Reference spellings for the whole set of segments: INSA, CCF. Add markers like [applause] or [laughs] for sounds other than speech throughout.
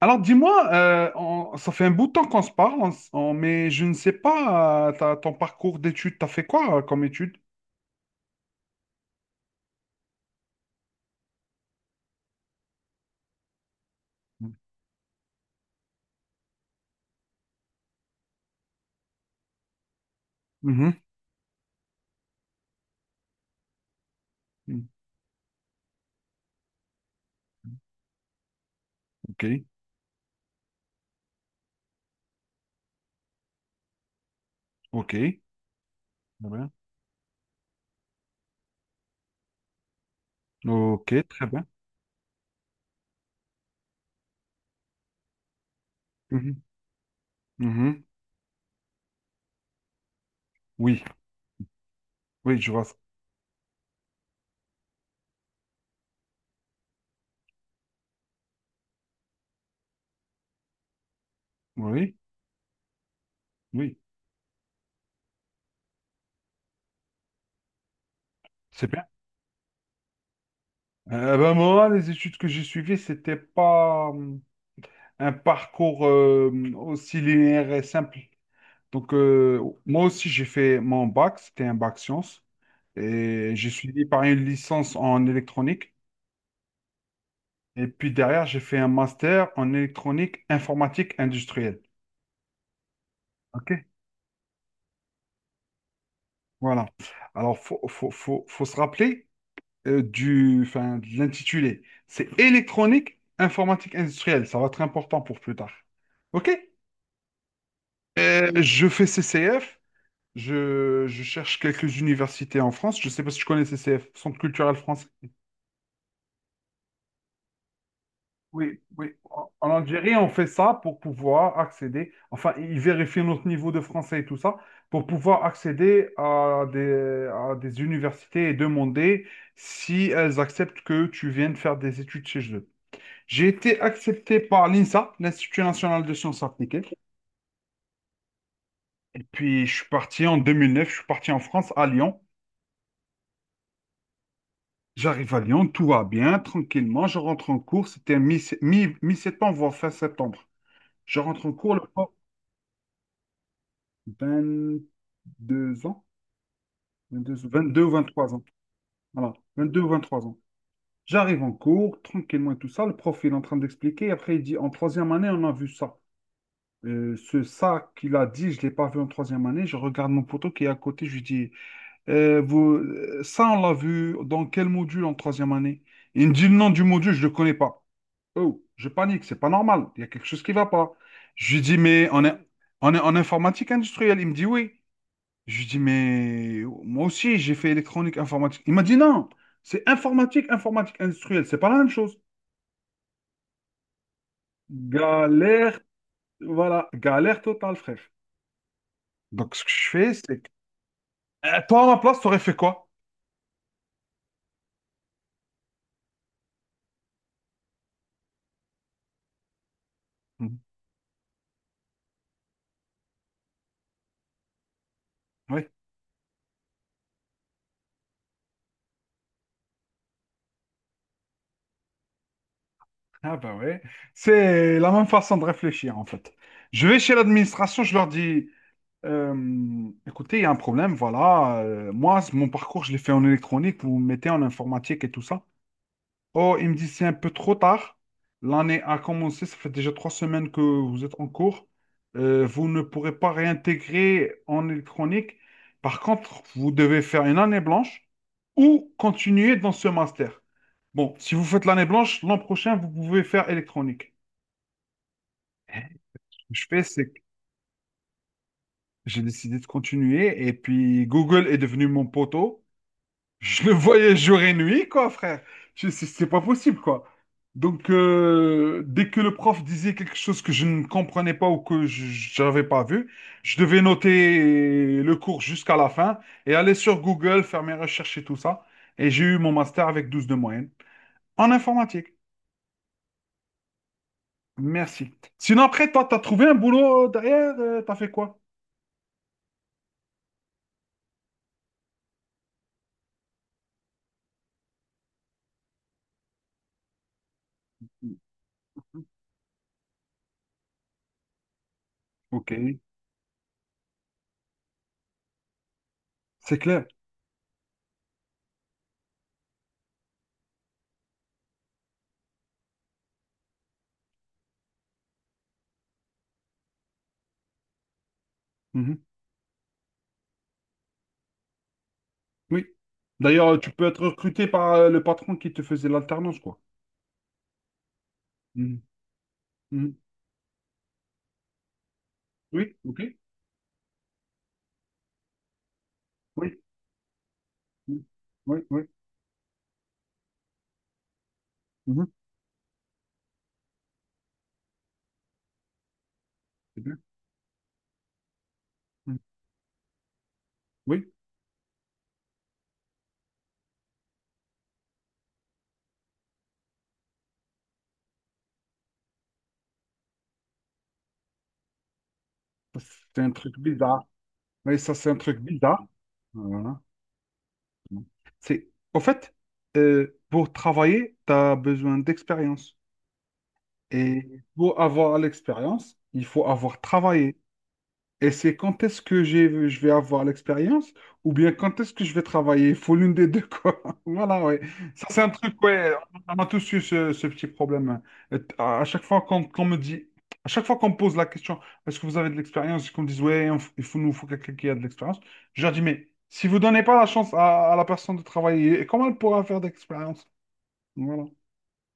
Alors dis-moi, ça fait un bout de temps qu'on se parle, mais je ne sais pas, ton parcours d'études, t'as fait quoi comme études? Mhm. Mhm. Ok, ok, très bien. Ok, très bien. Mhm. Mhm. Oui, oui, je vois ça. Oui, oui, c'est bien. Ben, moi, les études que j'ai suivies, c'était pas un parcours aussi linéaire et simple. Donc, moi aussi, j'ai fait mon bac, c'était un bac science. Et j'ai suivi par une licence en électronique. Et puis derrière, j'ai fait un master en électronique informatique industrielle. OK? Voilà. Alors, faut se rappeler du, enfin, de l'intitulé. C'est électronique informatique industrielle. Ça va être important pour plus tard. OK? Je fais CCF. Je cherche quelques universités en France. Je ne sais pas si tu connais CCF, Centre culturel français. Oui, oui. En Algérie, on fait ça pour pouvoir accéder, enfin, ils vérifient notre niveau de français et tout ça, pour pouvoir accéder à des universités et demander si elles acceptent que tu viennes faire des études chez eux. J'ai été accepté par l'INSA, l'Institut national de sciences appliquées. Et puis, je suis parti en 2009. Je suis parti en France, à Lyon. J'arrive à Lyon, tout va bien, tranquillement. Je rentre en cours, c'était mi-septembre, voire fin septembre. Je rentre en cours, le, 22 ans, 22, 22 ou 23 ans. Voilà, 22 ou 23 ans. J'arrive en cours, tranquillement et tout ça. Le prof, il est en train d'expliquer. Après, il dit, en troisième année, on a vu ça. Ce ça qu'il a dit, je ne l'ai pas vu en troisième année. Je regarde mon poteau qui est à côté. Je lui dis, vous, ça, on l'a vu dans quel module en troisième année? Il me dit, le nom du module, je ne le connais pas. Oh, je panique, c'est pas normal. Il y a quelque chose qui ne va pas. Je lui dis, mais on est en informatique industrielle. Il me dit, oui. Je lui dis, mais moi aussi, j'ai fait électronique, informatique. Il m'a dit, non, c'est informatique, informatique industrielle. C'est pas la même chose. Galère, voilà, galère totale, frère. Donc, ce que je fais, c'est... que- toi, à ma place, t'aurais fait quoi? Mhm. Oui. Ah bah ouais. C'est la même façon de réfléchir, en fait. Je vais chez l'administration, je leur dis, écoutez, il y a un problème, voilà. Moi, mon parcours, je l'ai fait en électronique, vous me mettez en informatique et tout ça. Oh, il me dit c'est un peu trop tard. L'année a commencé, ça fait déjà 3 semaines que vous êtes en cours. Vous ne pourrez pas réintégrer en électronique. Par contre, vous devez faire une année blanche ou continuer dans ce master. Bon, si vous faites l'année blanche, l'an prochain, vous pouvez faire électronique. Ce que je fais, c'est que j'ai décidé de continuer et puis Google est devenu mon poteau. Je le voyais jour et nuit, quoi, frère. C'est pas possible, quoi. Donc, dès que le prof disait quelque chose que je ne comprenais pas ou que je n'avais pas vu, je devais noter le cours jusqu'à la fin et aller sur Google, faire mes recherches et tout ça. Et j'ai eu mon master avec 12 de moyenne en informatique. Merci. Sinon, après, toi, t'as trouvé un boulot derrière, t'as fait quoi? Ok, c'est clair. Mhm. Oui. D'ailleurs, tu peux être recruté par le patron qui te faisait l'alternance, quoi. Mhm. Mhm. Oui, ok. Oui, oui, oui. Oui. Mhm. C'est bien. Mhm. Oui, ça, c'est un truc bizarre. Oui, ça, c'est un truc bizarre. Voilà. Bon. C'est, au fait, pour travailler, tu as besoin d'expérience. Et pour avoir l'expérience, il faut avoir travaillé. Et c'est quand est-ce que je vais avoir l'expérience ou bien quand est-ce que je vais travailler? Il faut l'une des deux, quoi. [laughs] Voilà, ouais. Ça, c'est un truc, ouais. On a tous eu ce petit problème. Et à chaque fois qu'on me dit, à chaque fois qu'on me pose la question, est-ce que vous avez de l'expérience? Et qu'on me dise, ouais, il faut, nous faut quelqu'un qui a de l'expérience. Je leur dis, mais si vous donnez pas la chance à la personne de travailler, comment elle pourra faire d'expérience? Voilà.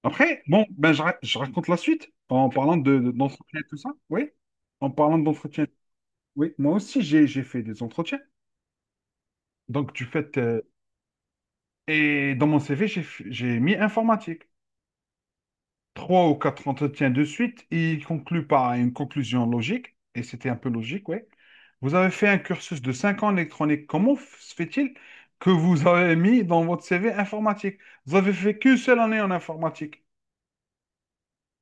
Après, bon, ben, je raconte la suite en parlant d'entretien et tout ça. Oui, en parlant d'entretien. Oui, moi aussi, j'ai fait des entretiens. Donc, tu fais. Et dans mon CV, j'ai mis informatique. Trois ou quatre entretiens de suite, ils concluent par une conclusion logique, et c'était un peu logique, oui. Vous avez fait un cursus de 5 ans en électronique. Comment se fait-il que vous avez mis dans votre CV informatique? Vous avez fait qu'une seule année en informatique.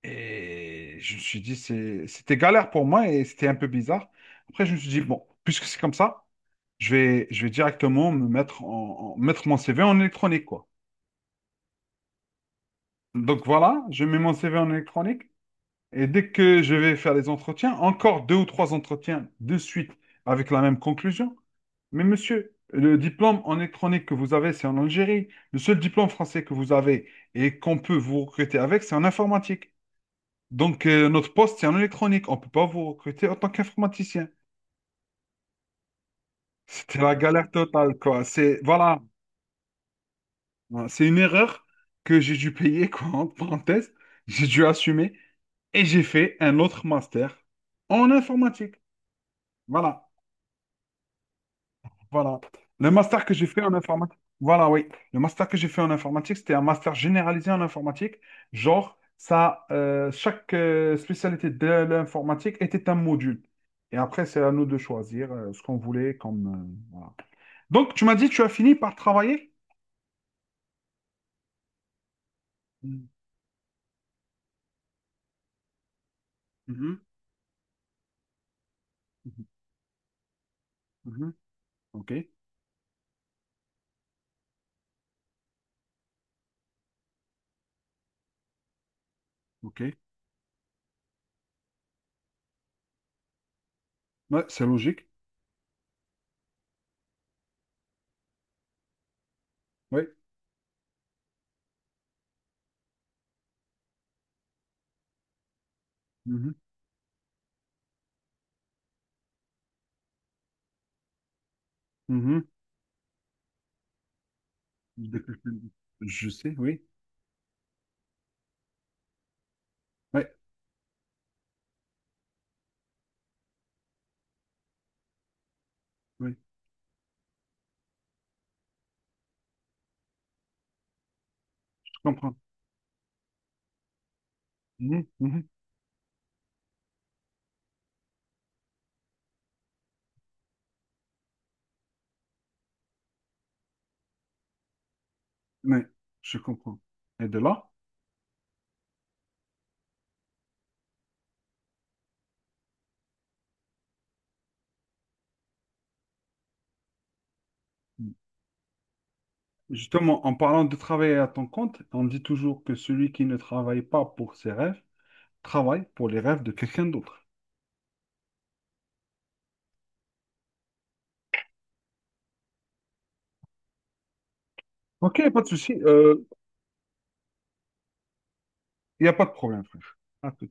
Et je me suis dit, c'était galère pour moi et c'était un peu bizarre. Après, je me suis dit, bon, puisque c'est comme ça, je vais directement me mettre en, en- mettre mon CV en électronique, quoi. Donc voilà, je mets mon CV en électronique et dès que je vais faire les entretiens, encore deux ou trois entretiens de suite avec la même conclusion. Mais monsieur, le diplôme en électronique que vous avez, c'est en Algérie. Le seul diplôme français que vous avez et qu'on peut vous recruter avec, c'est en informatique. Donc notre poste, c'est en électronique. On ne peut pas vous recruter en tant qu'informaticien. C'était la galère totale, quoi. C'est, voilà, voilà. C'est une erreur que j'ai dû payer, [laughs] quoi, entre parenthèses. J'ai dû assumer et j'ai fait un autre master en informatique. Voilà, voilà. Le master que j'ai fait en informatique. Voilà, oui. Le master que j'ai fait en informatique, c'était un master généralisé en informatique. Genre, ça, chaque spécialité de l'informatique était un module. Et après, c'est à nous de choisir ce qu'on voulait comme. Voilà. Donc, tu m'as dit, tu as fini par travailler? Mhm, mhm, mhm. Ok, ok. Ouais, c'est logique. Ouais. Mhm, mhm. Dès que Je peux le dire. Je sais, oui. Ouais, oui, je comprends. Mhm, mhm. Ouais, je comprends. Et de là, justement, en parlant de travailler à ton compte, on dit toujours que celui qui ne travaille pas pour ses rêves travaille pour les rêves de quelqu'un d'autre. Ok, pas de souci. Il n'y a pas de problème, frère. À tout.